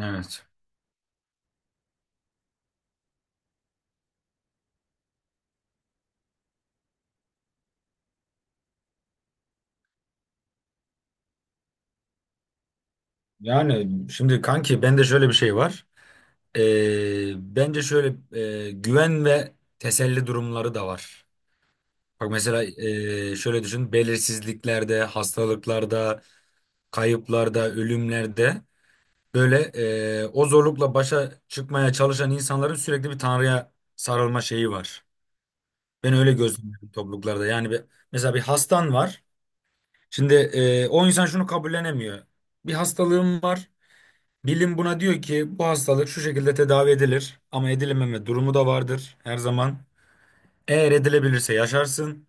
Evet. Yani şimdi kanki bende şöyle bir şey var. Bence şöyle, güven ve teselli durumları da var. Bak mesela şöyle düşün. Belirsizliklerde, hastalıklarda, kayıplarda, ölümlerde böyle, o zorlukla başa çıkmaya çalışan insanların sürekli bir Tanrı'ya sarılma şeyi var. Ben öyle gözlemliyorum topluluklarda. Yani mesela bir hastan var. Şimdi o insan şunu kabullenemiyor. Bir hastalığım var. Bilim buna diyor ki bu hastalık şu şekilde tedavi edilir, ama edilememe durumu da vardır her zaman. Eğer edilebilirse yaşarsın,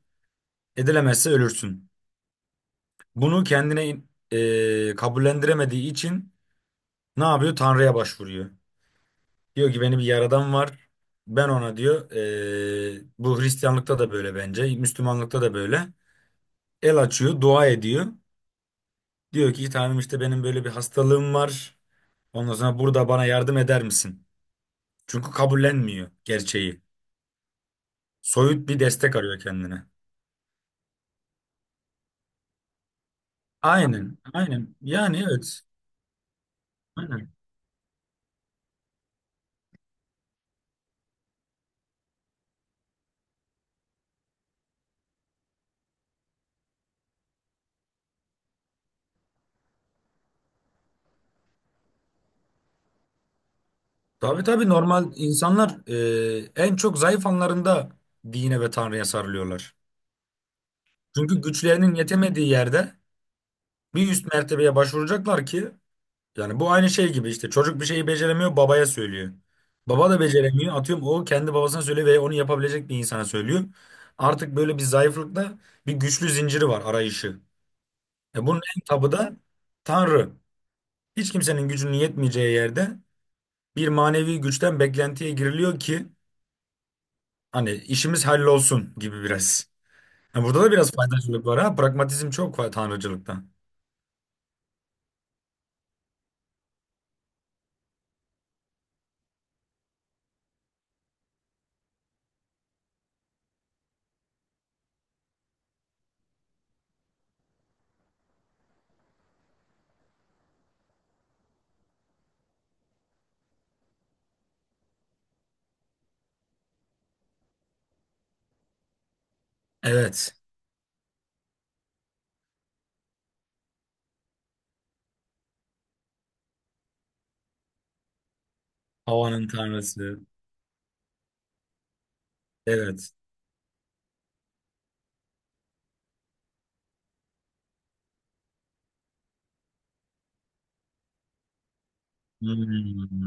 edilemezse ölürsün. Bunu kendine kabullendiremediği için ne yapıyor? Tanrı'ya başvuruyor. Diyor ki beni bir yaradan var. Ben ona diyor, bu Hristiyanlıkta da böyle bence, Müslümanlıkta da böyle. El açıyor, dua ediyor. Diyor ki Tanrım, işte benim böyle bir hastalığım var. Ondan sonra burada bana yardım eder misin? Çünkü kabullenmiyor gerçeği. Soyut bir destek arıyor kendine. Aynen, aynen. Yani evet. Aynen. Tabii, tabii, normal insanlar en çok zayıf anlarında dine ve Tanrı'ya sarılıyorlar. Çünkü güçlerinin yetemediği yerde bir üst mertebeye başvuracaklar ki, yani bu aynı şey gibi, işte çocuk bir şeyi beceremiyor babaya söylüyor. Baba da beceremiyor, atıyorum, o kendi babasına söylüyor ve onu yapabilecek bir insana söylüyor. Artık böyle bir zayıflıkta bir güçlü zinciri var arayışı. Bunun en tabı da Tanrı. Hiç kimsenin gücünün yetmeyeceği yerde bir manevi güçten beklentiye giriliyor ki hani işimiz hallolsun gibi biraz. Ha, burada da biraz faydacılık var, ha. Pragmatizm çok var tanrıcılıkta. Evet. Havanın tanrısı. Evet. Hmm.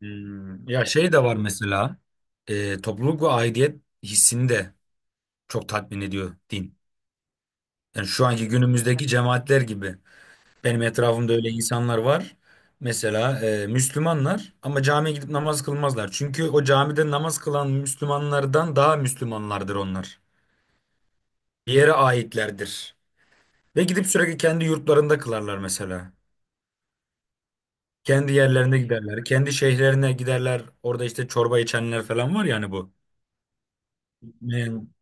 Hmm. Ya şey de var mesela. Topluluk ve aidiyet hissini de çok tatmin ediyor din. Yani şu anki günümüzdeki cemaatler gibi. Benim etrafımda öyle insanlar var. Mesela Müslümanlar, ama camiye gidip namaz kılmazlar. Çünkü o camide namaz kılan Müslümanlardan daha Müslümanlardır onlar. Bir yere aitlerdir. Ve gidip sürekli kendi yurtlarında kılarlar mesela. Kendi yerlerine giderler. Kendi şehirlerine giderler. Orada işte çorba içenler falan var, yani bu. Bitmeyen,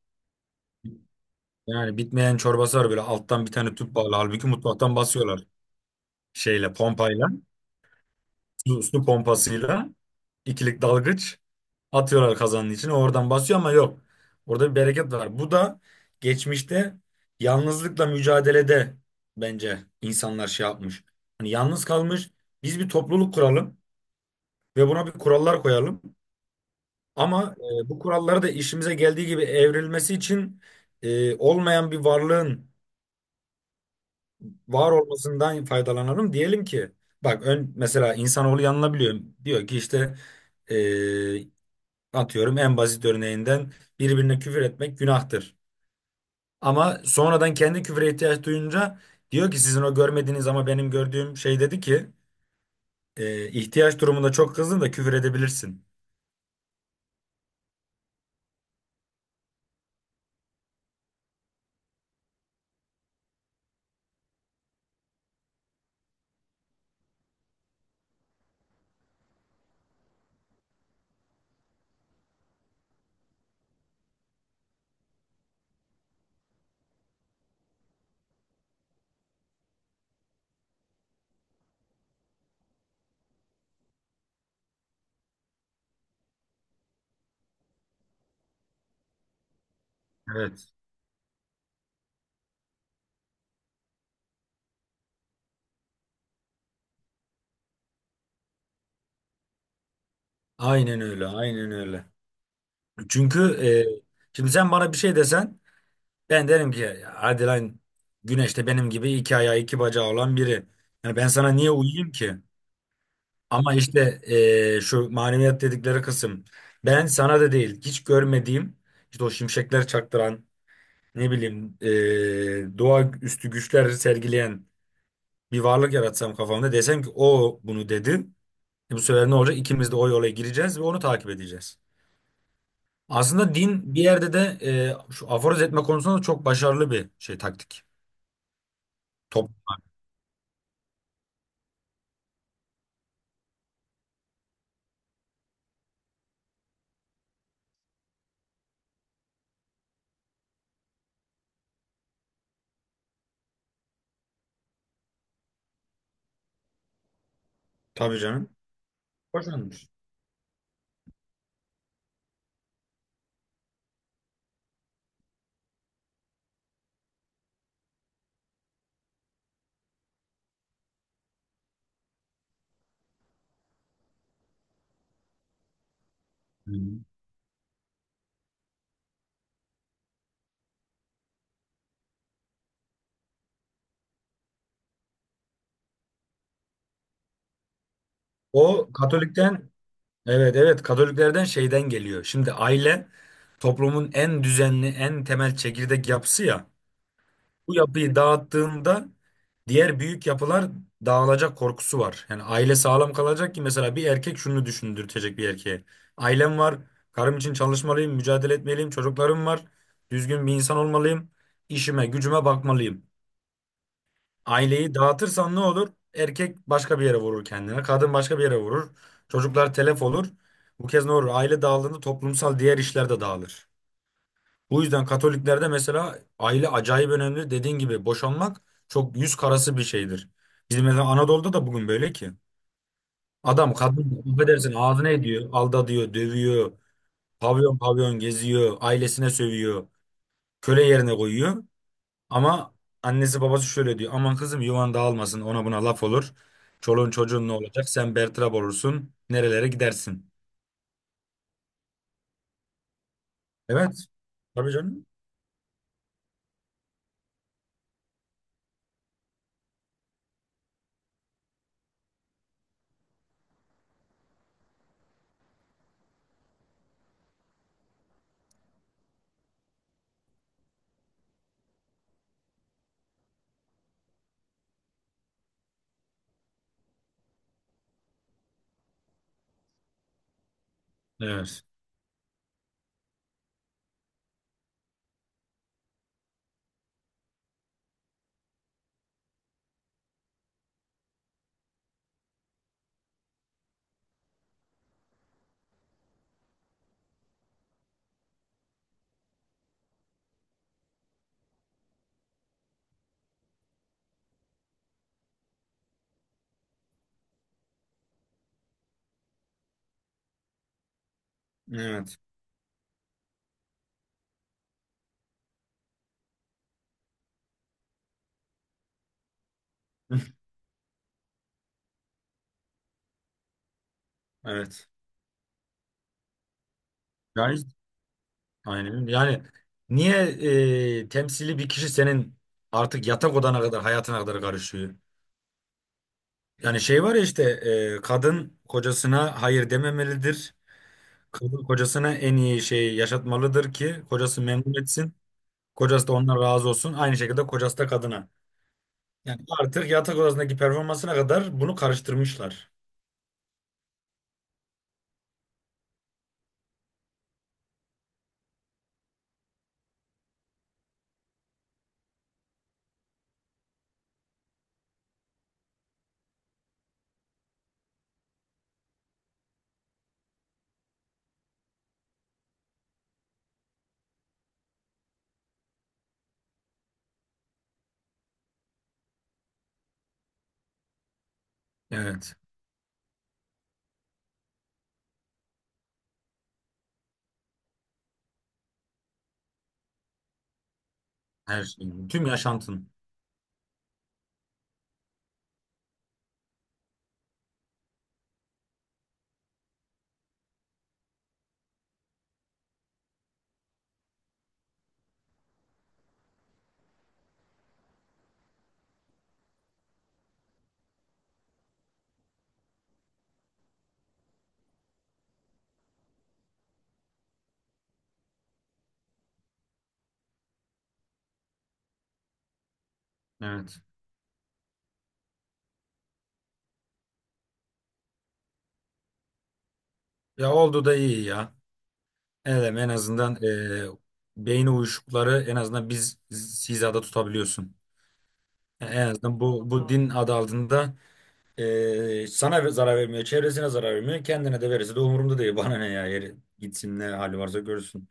yani bitmeyen çorbası var, böyle alttan bir tane tüp bağlı. Halbuki mutfaktan basıyorlar şeyle, pompayla. Su pompasıyla. İkilik dalgıç atıyorlar kazanın içine, oradan basıyor, ama yok. Orada bir bereket var. Bu da geçmişte yalnızlıkla mücadelede bence insanlar şey yapmış. Hani yalnız kalmış. Biz bir topluluk kuralım ve buna bir kurallar koyalım. Ama bu kuralları da işimize geldiği gibi evrilmesi için olmayan bir varlığın var olmasından faydalanalım. Diyelim ki bak, ön mesela insanoğlu yanılabiliyor. Diyor ki işte, e, atıyorum, en basit örneğinden birbirine küfür etmek günahtır. Ama sonradan kendi küfüre ihtiyaç duyunca diyor ki sizin o görmediğiniz ama benim gördüğüm şey dedi ki ihtiyaç durumunda çok kızdın da küfür edebilirsin. Evet. Aynen öyle, aynen öyle. Çünkü şimdi sen bana bir şey desen ben derim ki, hadi lan, Güneş benim gibi iki ayağı iki bacağı olan biri. Yani ben sana niye uyuyayım ki? Ama işte şu maneviyat dedikleri kısım. Ben sana da değil, hiç görmediğim, işte o şimşekler çaktıran, ne bileyim, doğa üstü güçler sergileyen bir varlık yaratsam kafamda, desem ki o bunu dedi. Bu sefer ne olacak? İkimiz de o yola gireceğiz ve onu takip edeceğiz. Aslında din bir yerde de şu aforoz etme konusunda da çok başarılı bir şey, taktik. Top, tabii canım. Hoşlanmış. Hı hı. O Katolik'ten, evet, evet, Katoliklerden şeyden geliyor. Şimdi aile toplumun en düzenli, en temel çekirdek yapısı ya. Bu yapıyı dağıttığında diğer büyük yapılar dağılacak korkusu var. Yani aile sağlam kalacak ki mesela bir erkek şunu düşündürtecek bir erkeğe. Ailem var, karım için çalışmalıyım, mücadele etmeliyim, çocuklarım var, düzgün bir insan olmalıyım, işime, gücüme bakmalıyım. Aileyi dağıtırsan ne olur? Erkek başka bir yere vurur kendine. Kadın başka bir yere vurur. Çocuklar telef olur. Bu kez ne olur? Aile dağıldığında toplumsal diğer işler de dağılır. Bu yüzden Katoliklerde mesela aile acayip önemli. Dediğin gibi boşanmak çok yüz karası bir şeydir. Bizim mesela Anadolu'da da bugün böyle ki. Adam kadın, affedersin, ağzına ediyor. Aldatıyor, dövüyor. Pavyon pavyon geziyor. Ailesine sövüyor. Köle yerine koyuyor. Ama annesi babası şöyle diyor: aman kızım yuvan dağılmasın, ona buna laf olur. Çoluğun çocuğun ne olacak? Sen bertrab olursun. Nerelere gidersin? Evet. Tabii canım. Evet. Evet. Evet. Yani, aynen. Yani niye temsili bir kişi senin artık yatak odana kadar, hayatına kadar karışıyor? Yani şey var ya işte, kadın kocasına hayır dememelidir. Kadın kocasına en iyi şeyi yaşatmalıdır ki kocası memnun etsin. Kocası da ondan razı olsun. Aynı şekilde kocası da kadına. Yani artık yatak odasındaki performansına kadar bunu karıştırmışlar. Evet. Her şeyin. Tüm yaşantın. Evet. Ya oldu da iyi ya. Evet, en azından beyin uyuşukları en azından biz hizada tutabiliyorsun. Yani en azından bu din adı altında sana zarar vermiyor, çevresine zarar vermiyor. Kendine de verirse de umurumda değil. Bana ne ya, yeri gitsin, ne hali varsa görsün.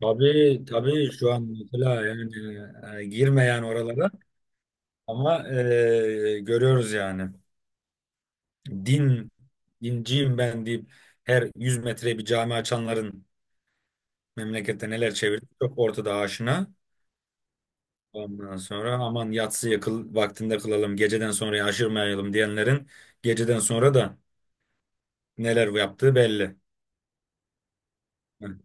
Tabii, tabii, şu an mesela, yani girme yani oralara. Ama görüyoruz yani. Din, dinciyim ben deyip her 100 metreye bir cami açanların memlekette neler çevirdi çok ortada, aşina. Ondan sonra aman yatsıya kıl, vaktinde kılalım, geceden sonra aşırmayalım diyenlerin geceden sonra da neler yaptığı belli. Yani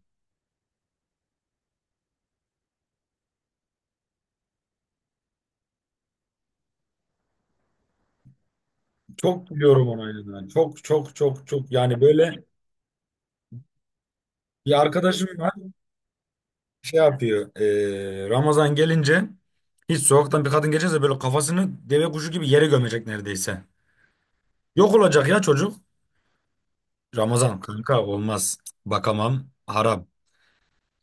çok biliyorum onu. Yani. Çok çok çok çok, yani böyle bir arkadaşım var, şey yapıyor. Ramazan gelince hiç sokaktan bir kadın geçerse böyle kafasını deve kuşu gibi yere gömecek neredeyse. Yok olacak ya çocuk. Ramazan, kanka, olmaz. Bakamam, haram.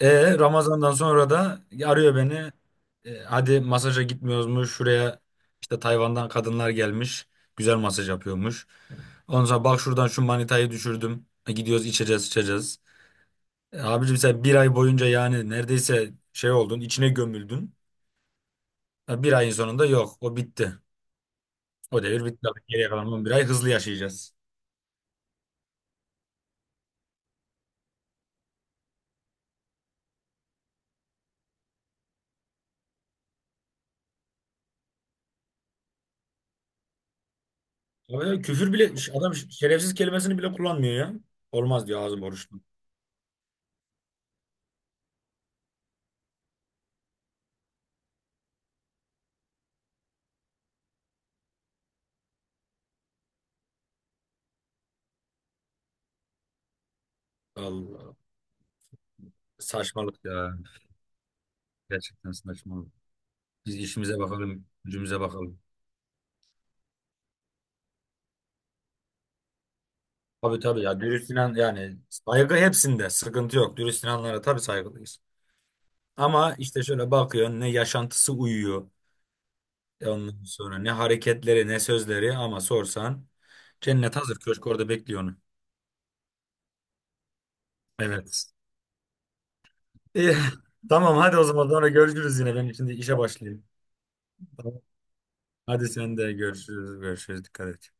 Ramazan'dan sonra da arıyor beni. Hadi masaja gitmiyoruz mu? Şuraya işte Tayvan'dan kadınlar gelmiş. Güzel masaj yapıyormuş. Ondan sonra, bak, şuradan şu manitayı düşürdüm. Gidiyoruz, içeceğiz içeceğiz. Abicim sen bir ay boyunca yani neredeyse şey oldun, içine gömüldün. Bir ayın sonunda yok, o bitti. O devir bitti. Geriye kalan 11 ay hızlı yaşayacağız. Abi küfür bile, adam şerefsiz kelimesini bile kullanmıyor ya. Olmaz diyor, ağzım oruçlu. Allah. Saçmalık ya. Gerçekten saçmalık. Biz işimize bakalım, gücümüze bakalım. Tabii, tabii, ya dürüst inan, yani saygı, hepsinde sıkıntı yok. Dürüst inanlara tabii saygılıyız. Ama işte şöyle bakıyorsun, ne yaşantısı uyuyor. Ondan sonra ne hareketleri, ne sözleri, ama sorsan cennet hazır köşk orada bekliyor onu. Evet. Eh, tamam, hadi o zaman sonra görüşürüz yine. Ben şimdi işe başlayayım. Tamam. Hadi sen de, görüşürüz. Görüşürüz. Dikkat et.